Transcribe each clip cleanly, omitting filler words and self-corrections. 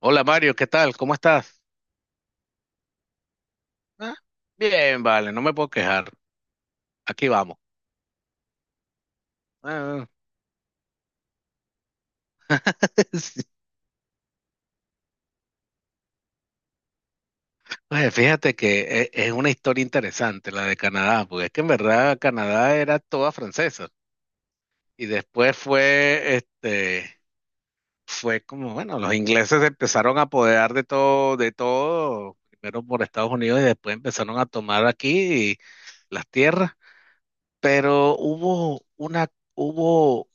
Hola Mario, ¿qué tal? ¿Cómo estás? Ah, bien, vale, no me puedo quejar. Aquí vamos. Ah, sí. Oye, fíjate que es una historia interesante la de Canadá, porque es que en verdad Canadá era toda francesa y después fue, fue como, bueno, los ingleses se empezaron a apoderar de todo, primero por Estados Unidos y después empezaron a tomar aquí las tierras, pero hubo una, hubo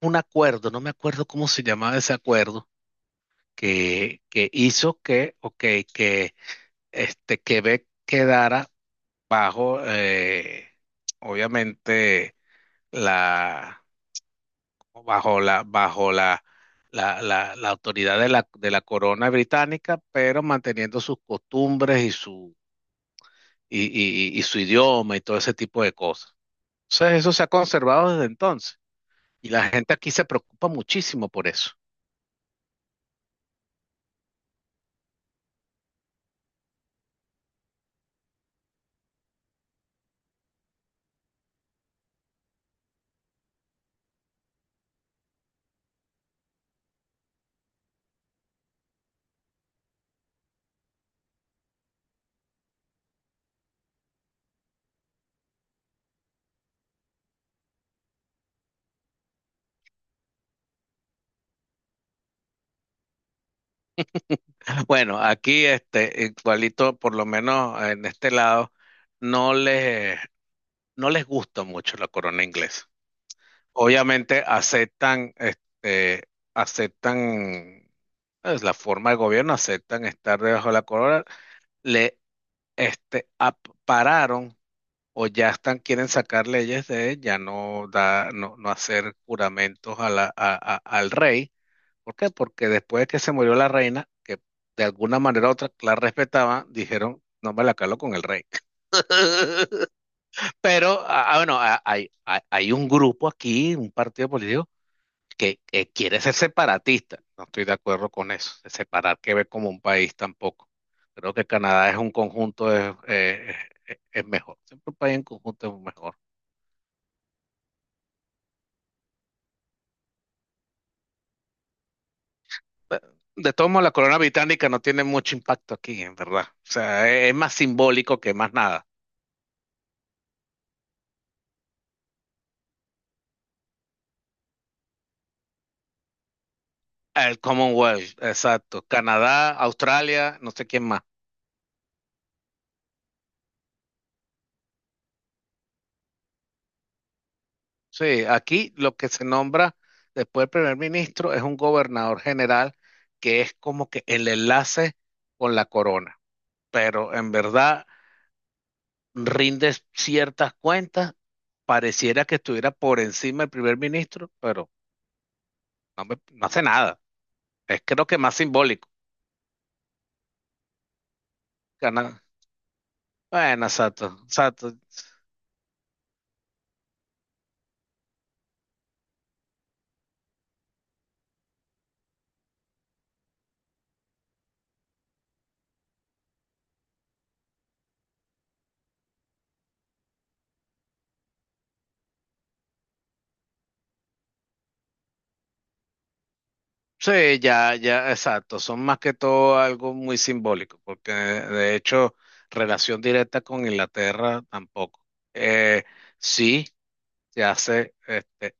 un acuerdo, no me acuerdo cómo se llamaba ese acuerdo que hizo que, ok, que Quebec quedara bajo, obviamente, la, bajo la, bajo la, la autoridad de la corona británica, pero manteniendo sus costumbres y su, y su idioma y todo ese tipo de cosas. Entonces, eso se ha conservado desde entonces. Y la gente aquí se preocupa muchísimo por eso. Bueno, aquí este igualito, por lo menos en este lado, no les, no les gusta mucho la corona inglesa. Obviamente aceptan, aceptan es la forma de gobierno, aceptan estar debajo de la corona. Le este pararon o ya están, quieren sacar leyes de ya no da, no hacer juramentos a al rey. ¿Por qué? Porque después de que se murió la reina, que de alguna manera u otra la respetaban, dijeron, no me la calo con el rey. Pero, bueno, hay un grupo aquí, un partido político, que quiere ser separatista. No estoy de acuerdo con eso, de separar Quebec como un país tampoco. Creo que Canadá es un conjunto, es, es mejor. Siempre un país en conjunto es mejor. Pe- De todos modos, la corona británica no tiene mucho impacto aquí, en verdad. O sea, es más simbólico que más nada. El Commonwealth, exacto. Canadá, Australia, no sé quién más. Sí, aquí lo que se nombra después del primer ministro es un gobernador general que es como que el enlace con la corona. Pero en verdad rinde ciertas cuentas, pareciera que estuviera por encima del primer ministro, pero no, no hace nada. Es creo que más simbólico. Cana- Bueno, exacto, exacto. Sí, ya, ya, exacto. Son más que todo algo muy simbólico, porque de hecho, relación directa con Inglaterra tampoco. Eh, sí, se hace,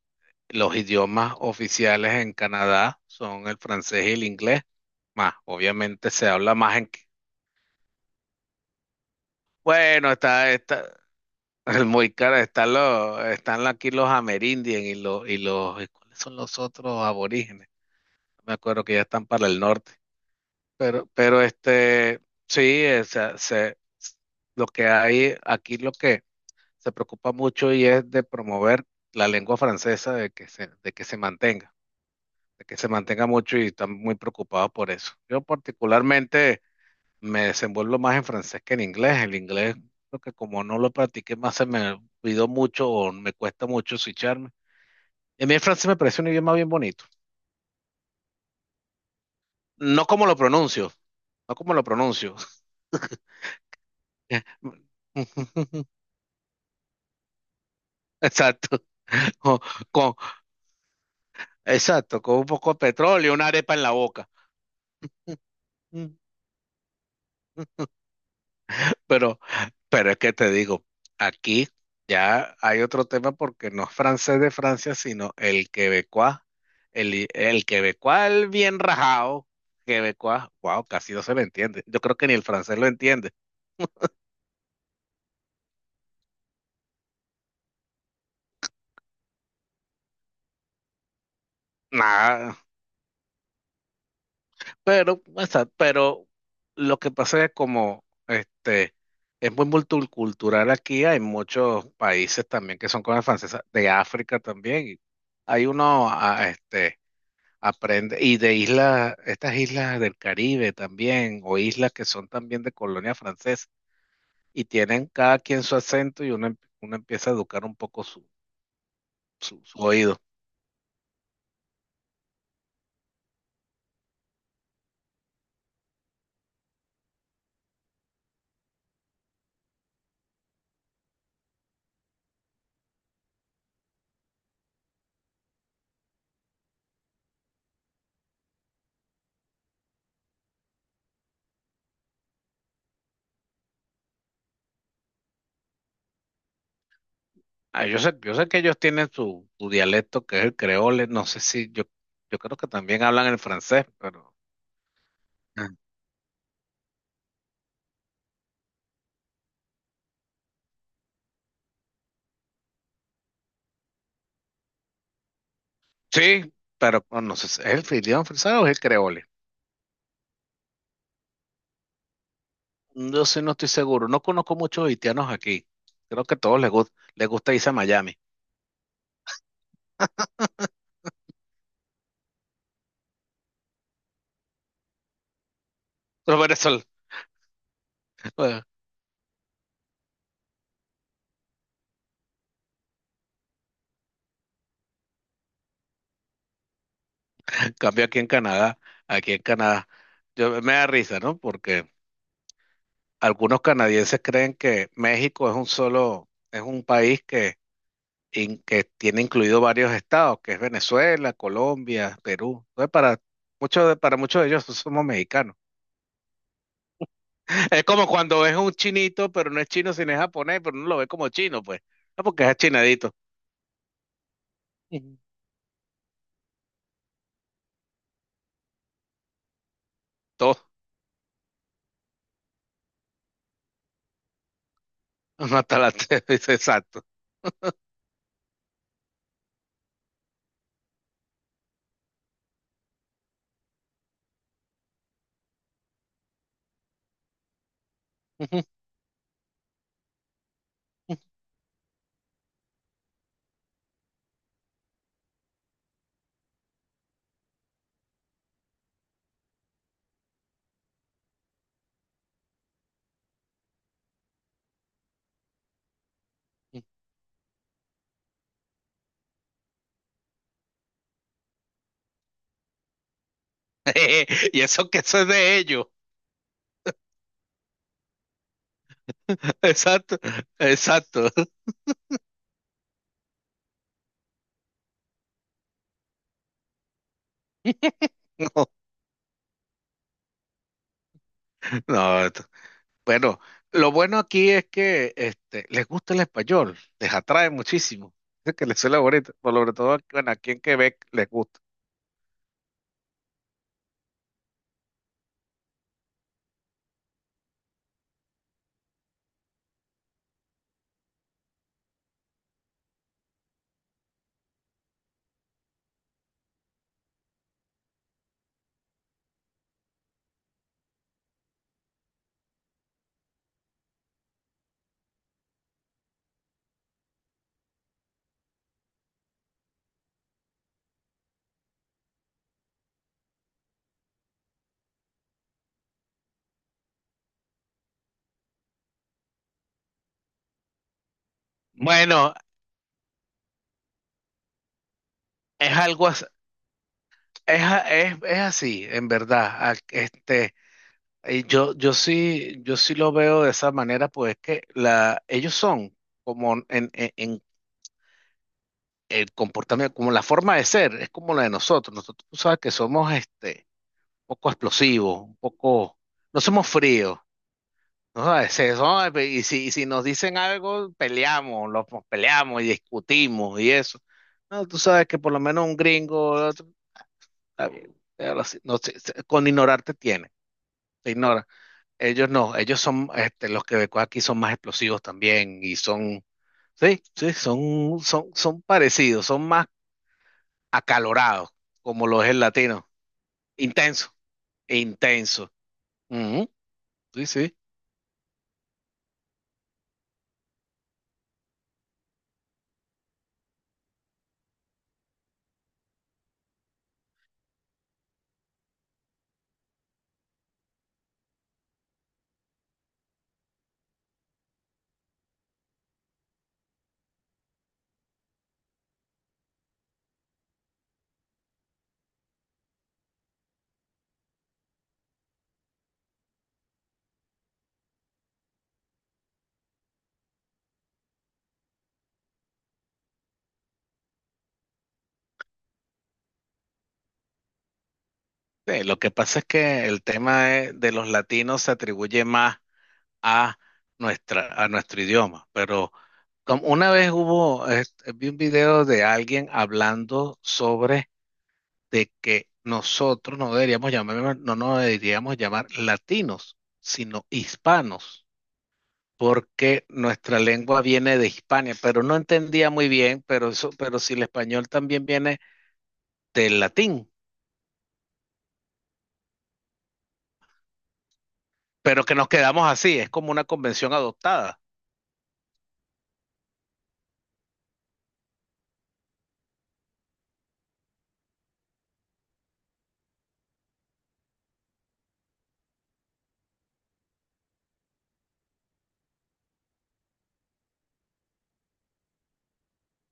los idiomas oficiales en Canadá son el francés y el inglés, más, obviamente se habla más en... Bueno, está, el muy caro, están los, están aquí los amerindios y los, ¿cuáles son los otros aborígenes? No me acuerdo que ya están para el norte. Pero sí, o sea, se, lo que hay aquí, lo que se preocupa mucho y es de promover la lengua francesa, de que se, de que se mantenga mucho y están muy preocupados por eso. Yo particularmente me desenvuelvo más en francés que en inglés. El inglés, lo que como no lo practiqué más, se me olvidó mucho o me cuesta mucho switcharme. Y a mí el francés me parece un idioma bien bonito. No como lo pronuncio, no como lo pronuncio. Exacto, con, con- exacto, con un poco de petróleo y una arepa en la boca. Mm. Pero, pero es que te digo, aquí ya hay otro tema porque no es francés de Francia, sino el quebecuá, el quebecuá el bien rajado, quebecuá, wow, casi no se le entiende. Yo creo que ni el francés lo entiende. Nada. Pero, exacto, pero lo que pasa es como este es muy multicultural aquí, hay muchos países también que son colonias francesas, de África también. Y hay uno este aprende, y de islas, estas islas del Caribe también, o islas que son también de colonia francesa, y tienen cada quien su acento y uno, uno empieza a educar un poco su, su oído. Yo sé que ellos tienen su, su dialecto que es el creole, no sé si yo, yo creo que también hablan el francés, pero ah, sí, pero bueno, no sé, ¿si es el idioma francés o es el creole? Yo sí no estoy seguro, no conozco muchos haitianos aquí, creo que a todos les gusta irse a Miami, pero por eso, en cambio aquí en Canadá, yo, me da risa, ¿no? Porque algunos canadienses creen que México es un solo, es un país que tiene incluido varios estados, que es Venezuela, Colombia, Perú. Entonces, para muchos de ellos somos mexicanos. Es como cuando ves un chinito, pero no es chino, sino es japonés, pero no lo ve como chino, pues. Ah, porque es achinadito. Ujú. Todo, hasta la exacto. Ujú. Y eso que eso es de ellos. Exacto, exacto. No, bueno, lo bueno aquí es que este, les gusta el español, les atrae muchísimo. Es que les suena bonito, por sobre todo aquí- bueno, aquí en Quebec les gusta. Bueno, es algo as- es, es así, en verdad. Este, yo sí, yo sí lo veo de esa manera, pues que la, ellos son como en el comportamiento, como la forma de ser, es como la de nosotros. Nosotros tú sabes que somos un poco explosivos, un poco, no somos fríos. No, es eso, y si nos dicen algo, peleamos, lo, pues, peleamos y discutimos y eso. No, tú sabes que por lo menos un gringo, otro, está bien, pero así, no sé, con ignorarte tiene, te ignora. Ellos no, ellos son, los quebecos aquí son más explosivos también y son, sí, sí, son parecidos, son más acalorados, como lo es el latino, intenso, intenso. Ujú, sí, sí. Sí, lo que pasa es que el tema de los latinos se atribuye más a nuestra, a nuestro idioma. Pero como una vez hubo, vi un video de alguien hablando sobre de que nosotros no deberíamos llamar, no nos deberíamos llamar latinos, sino hispanos, porque nuestra lengua viene de Hispania, pero no entendía muy bien, pero eso, pero si el español también viene del latín, pero que nos quedamos así, es como una convención adoptada.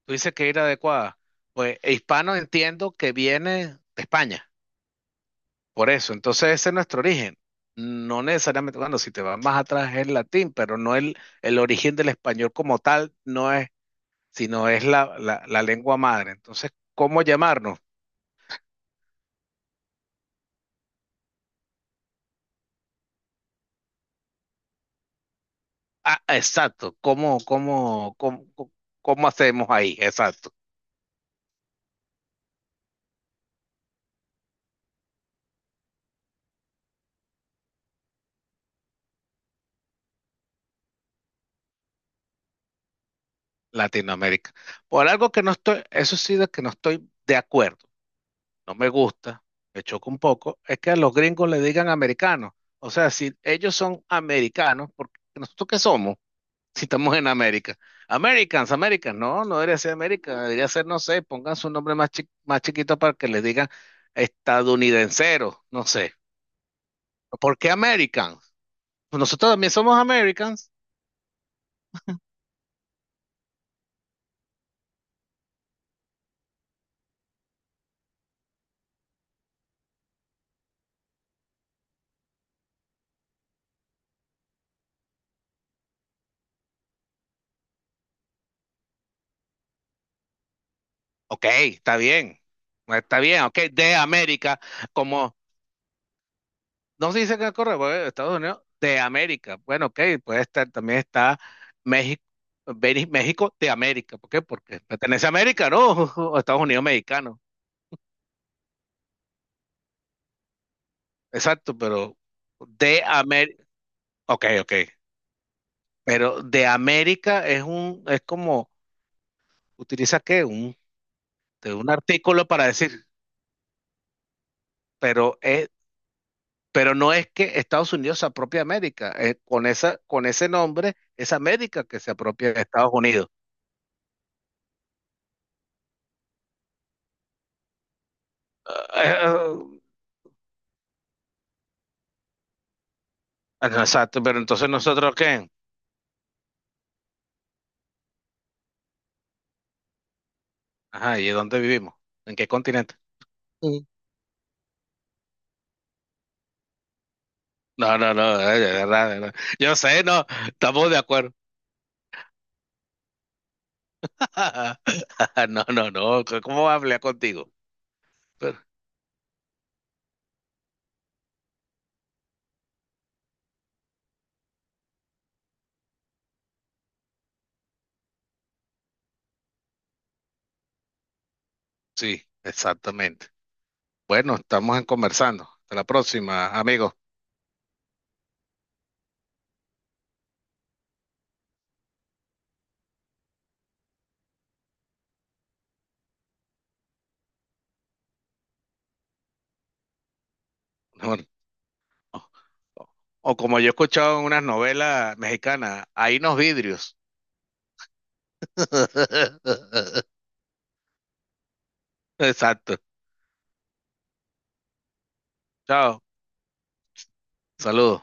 Tú dices que era adecuada. Pues hispano entiendo que viene de España. Por eso, entonces ese es nuestro origen. No necesariamente, bueno, si te vas más atrás es el latín, pero no el origen del español como tal, no es, sino es la lengua madre. Entonces, ¿cómo llamarnos? Ah, exacto, ¿cómo hacemos ahí? Exacto, Latinoamérica. Por algo que no estoy, eso sí de que no estoy de acuerdo, no me gusta, me choca un poco, es que a los gringos le digan americanos. O sea, si ellos son americanos, ¿porque nosotros qué somos? Si estamos en América. Americans, Americans, no, no debería ser América, debería ser, no sé, pongan su nombre más, más chiquito para que les digan estadounidenseros, no sé. ¿Por qué Americans? Pues nosotros también somos Americans. Ok, está bien, ok, de América, como no se dice que corre, bueno, Estados Unidos, de América. Bueno, ok, puede estar, también está México. México de América, ¿por qué? Porque pertenece a América, ¿no? O Estados Unidos mexicano. Exacto, pero de América, ok, ok, pero de América es un, es como, utiliza qué, un, de un artículo para decir, pero es, pero no es que Estados Unidos se apropie de América, con esa, con ese nombre es América que se apropia de Estados Unidos. Ah, exacto, pero entonces nosotros qué, ajá, ¿y dónde vivimos? ¿En qué continente? Mm. No, no, no, de verdad, de verdad. Yo sé, no, estamos de acuerdo. No, no, no. ¿Cómo va a hablar contigo? Pero, sí, exactamente. Bueno, estamos en conversando. Hasta la próxima, amigo. No, no. O, o como yo he escuchado en unas novelas mexicanas, hay unos vidrios. Exacto. Chao. Saludos.